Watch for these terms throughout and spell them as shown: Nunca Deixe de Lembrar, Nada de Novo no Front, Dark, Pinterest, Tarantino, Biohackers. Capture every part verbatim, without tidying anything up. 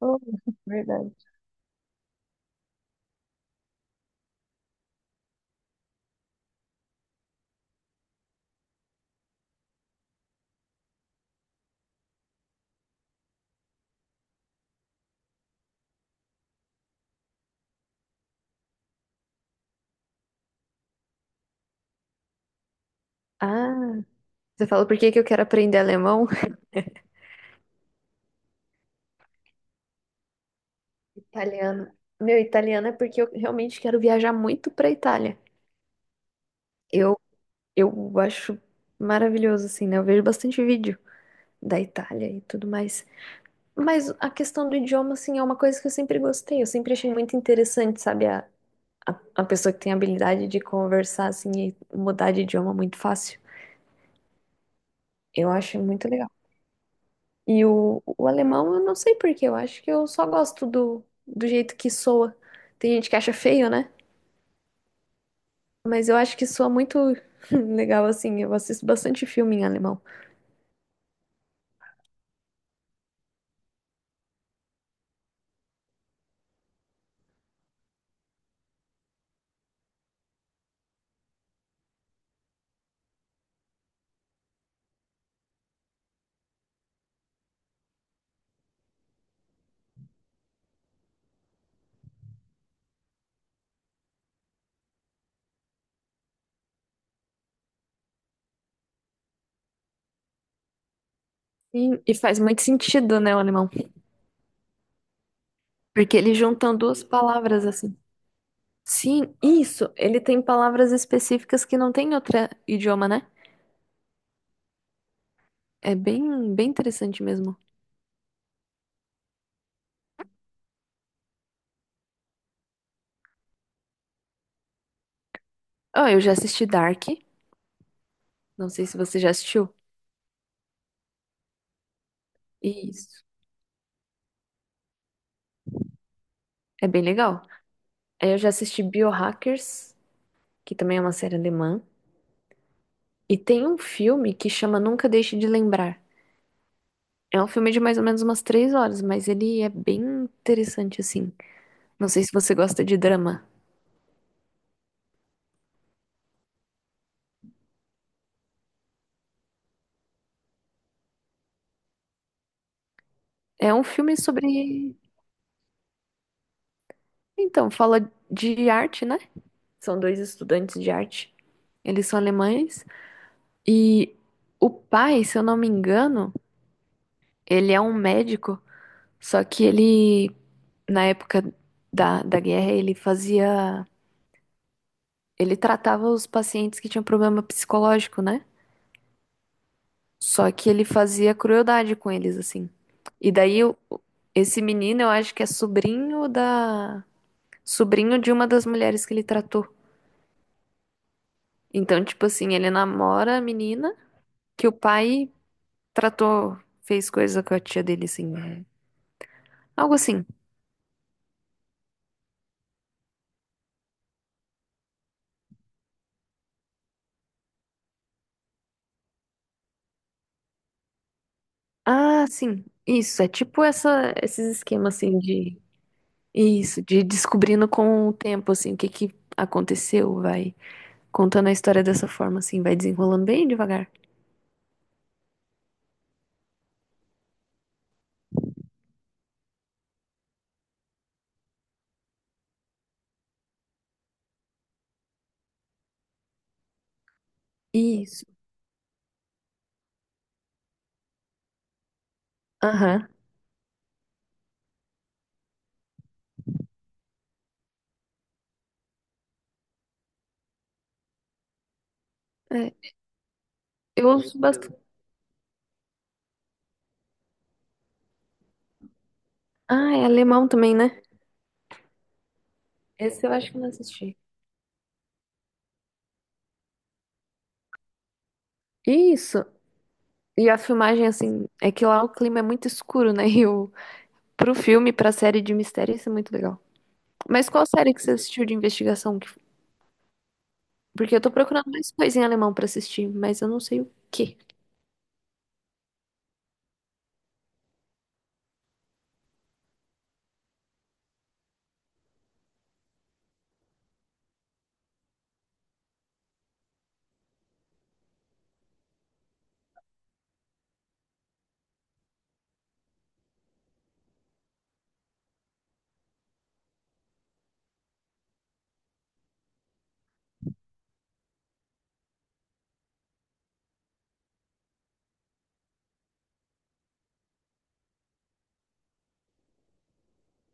Oh, verdade. Ah, você falou por que que eu quero aprender alemão? Italiano. Meu, italiano é porque eu realmente quero viajar muito pra Itália. Eu, eu acho maravilhoso, assim, né? Eu vejo bastante vídeo da Itália e tudo mais. Mas a questão do idioma, assim, é uma coisa que eu sempre gostei. Eu sempre achei muito interessante, sabe? A, a, a pessoa que tem a habilidade de conversar, assim, e mudar de idioma muito fácil. Eu acho muito legal. E o, o alemão, eu não sei por quê, eu acho que eu só gosto do, do jeito que soa. Tem gente que acha feio, né? Mas eu acho que soa muito legal, assim. Eu assisto bastante filme em alemão. E, e faz muito sentido, né, o alemão? Porque eles juntam duas palavras, assim. Sim, isso. Ele tem palavras específicas que não tem em outro idioma, né? É bem, bem interessante mesmo. Oh, eu já assisti Dark. Não sei se você já assistiu. Isso. É bem legal. Aí eu já assisti Biohackers, que também é uma série alemã. E tem um filme que chama Nunca Deixe de Lembrar. É um filme de mais ou menos umas três horas, mas ele é bem interessante, assim. Não sei se você gosta de drama. É um filme sobre. Então, fala de arte, né? São dois estudantes de arte. Eles são alemães. E o pai, se eu não me engano, ele é um médico. Só que ele, na época da, da guerra, ele fazia. Ele tratava os pacientes que tinham problema psicológico, né? Só que ele fazia crueldade com eles, assim. E daí, o- esse menino, eu acho que é sobrinho da... Sobrinho de uma das mulheres que ele tratou. Então, tipo assim, ele namora a menina que o pai tratou, fez coisa com a tia dele, assim. É. Algo assim. Ah, sim. Isso, é tipo essa, esses esquemas, assim, de... Isso, de descobrindo com o tempo, assim, o que que aconteceu, vai contando a história dessa forma, assim, vai desenrolando bem devagar. Isso. Aham. É, eu ouço bastante. Ah, é alemão também, né? Esse eu acho que eu não assisti. Isso. E a filmagem, assim, é que lá o clima é muito escuro, né? E o... pro filme, pra série de mistério, isso é muito legal. Mas qual série que você assistiu de investigação? que- Porque eu tô procurando mais coisa em alemão pra assistir, mas eu não sei o quê.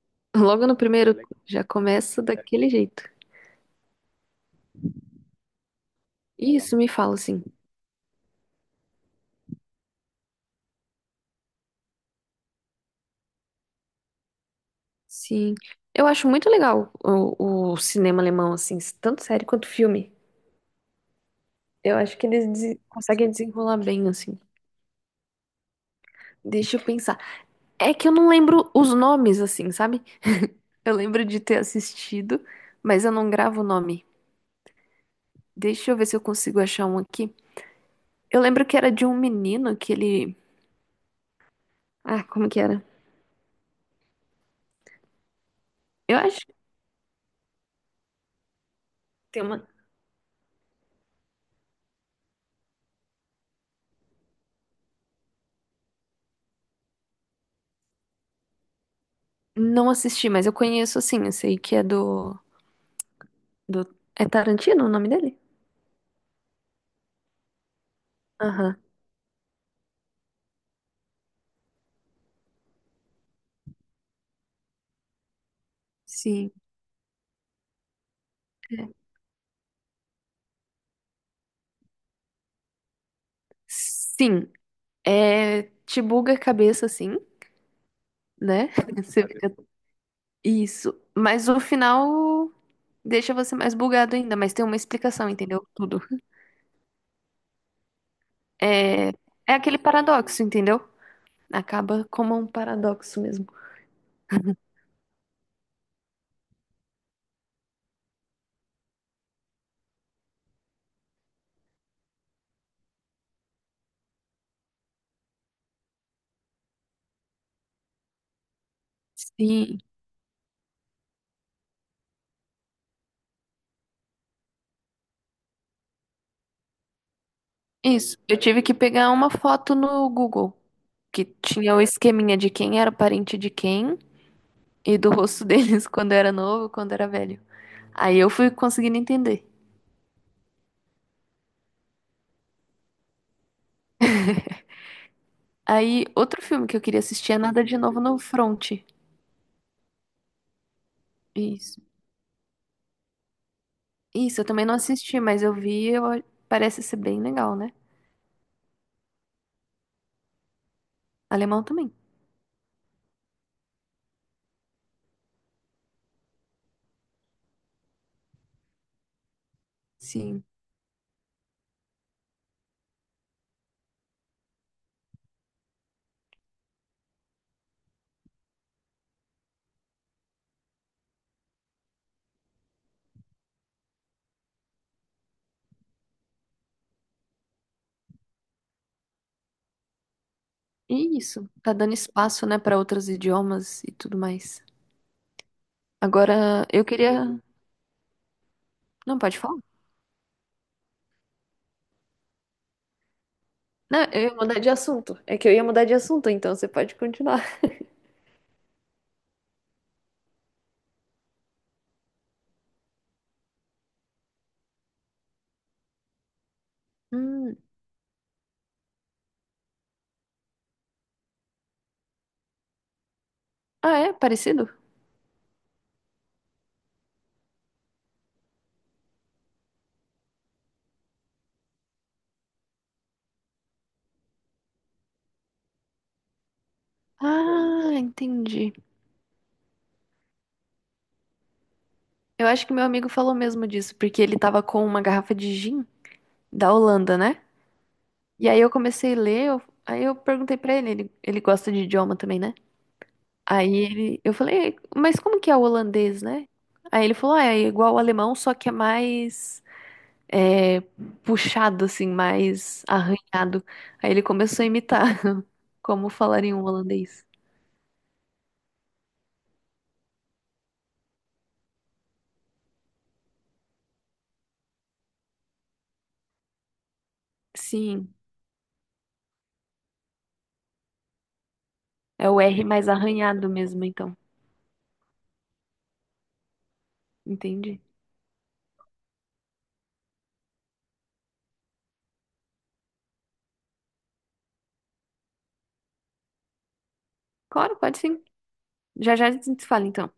Logo no primeiro, já começa daquele jeito. Isso, me fala, assim. Sim. Eu acho muito legal o, o cinema alemão, assim, tanto série quanto filme. Eu acho que eles dese- conseguem desenrolar bem, assim. Deixa eu pensar. É que eu não lembro os nomes, assim, sabe? Eu lembro de ter assistido, mas eu não gravo o nome. Deixa eu ver se eu consigo achar um aqui. Eu lembro que era de um menino que ele. Ah, como que era? Eu acho que tem uma. Não assisti, mas eu conheço, assim. Eu sei que é do. Do... É Tarantino o nome dele? Aham. Sim. É. Sim, é, te buga a cabeça, assim, né? Você fica... Isso. Mas o final deixa você mais bugado ainda, mas tem uma explicação, entendeu? Tudo. É, é aquele paradoxo, entendeu? Acaba como um paradoxo mesmo. Sim, isso. Eu tive que pegar uma foto no Google, que tinha o esqueminha de quem era parente de quem e do rosto deles quando era novo, quando era velho. Aí eu fui conseguindo entender. Aí, outro filme que eu queria assistir é Nada de Novo no Front. Isso. Isso, eu também não assisti, mas eu vi, eu- parece ser bem legal, né? Alemão também. Sim. E isso, tá dando espaço, né, para outros idiomas e tudo mais. Agora, eu queria. Não, pode falar? Não, eu ia mudar de assunto. É que eu ia mudar de assunto, então você pode continuar. Hum. Ah, é? Parecido? Ah, entendi. Eu acho que meu amigo falou mesmo disso, porque ele tava com uma garrafa de gin da Holanda, né? E aí eu comecei a ler, eu- aí eu perguntei pra ele, ele, ele gosta de idioma também, né? Aí ele, eu falei, mas como que é o holandês, né? Aí ele falou, ah, é igual o alemão, só que é mais é, puxado, assim, mais arranhado. Aí ele começou a imitar como falaria um holandês. Sim, é o erre mais arranhado mesmo, então. Entendi. Claro, pode sim. Já já a gente se fala, então.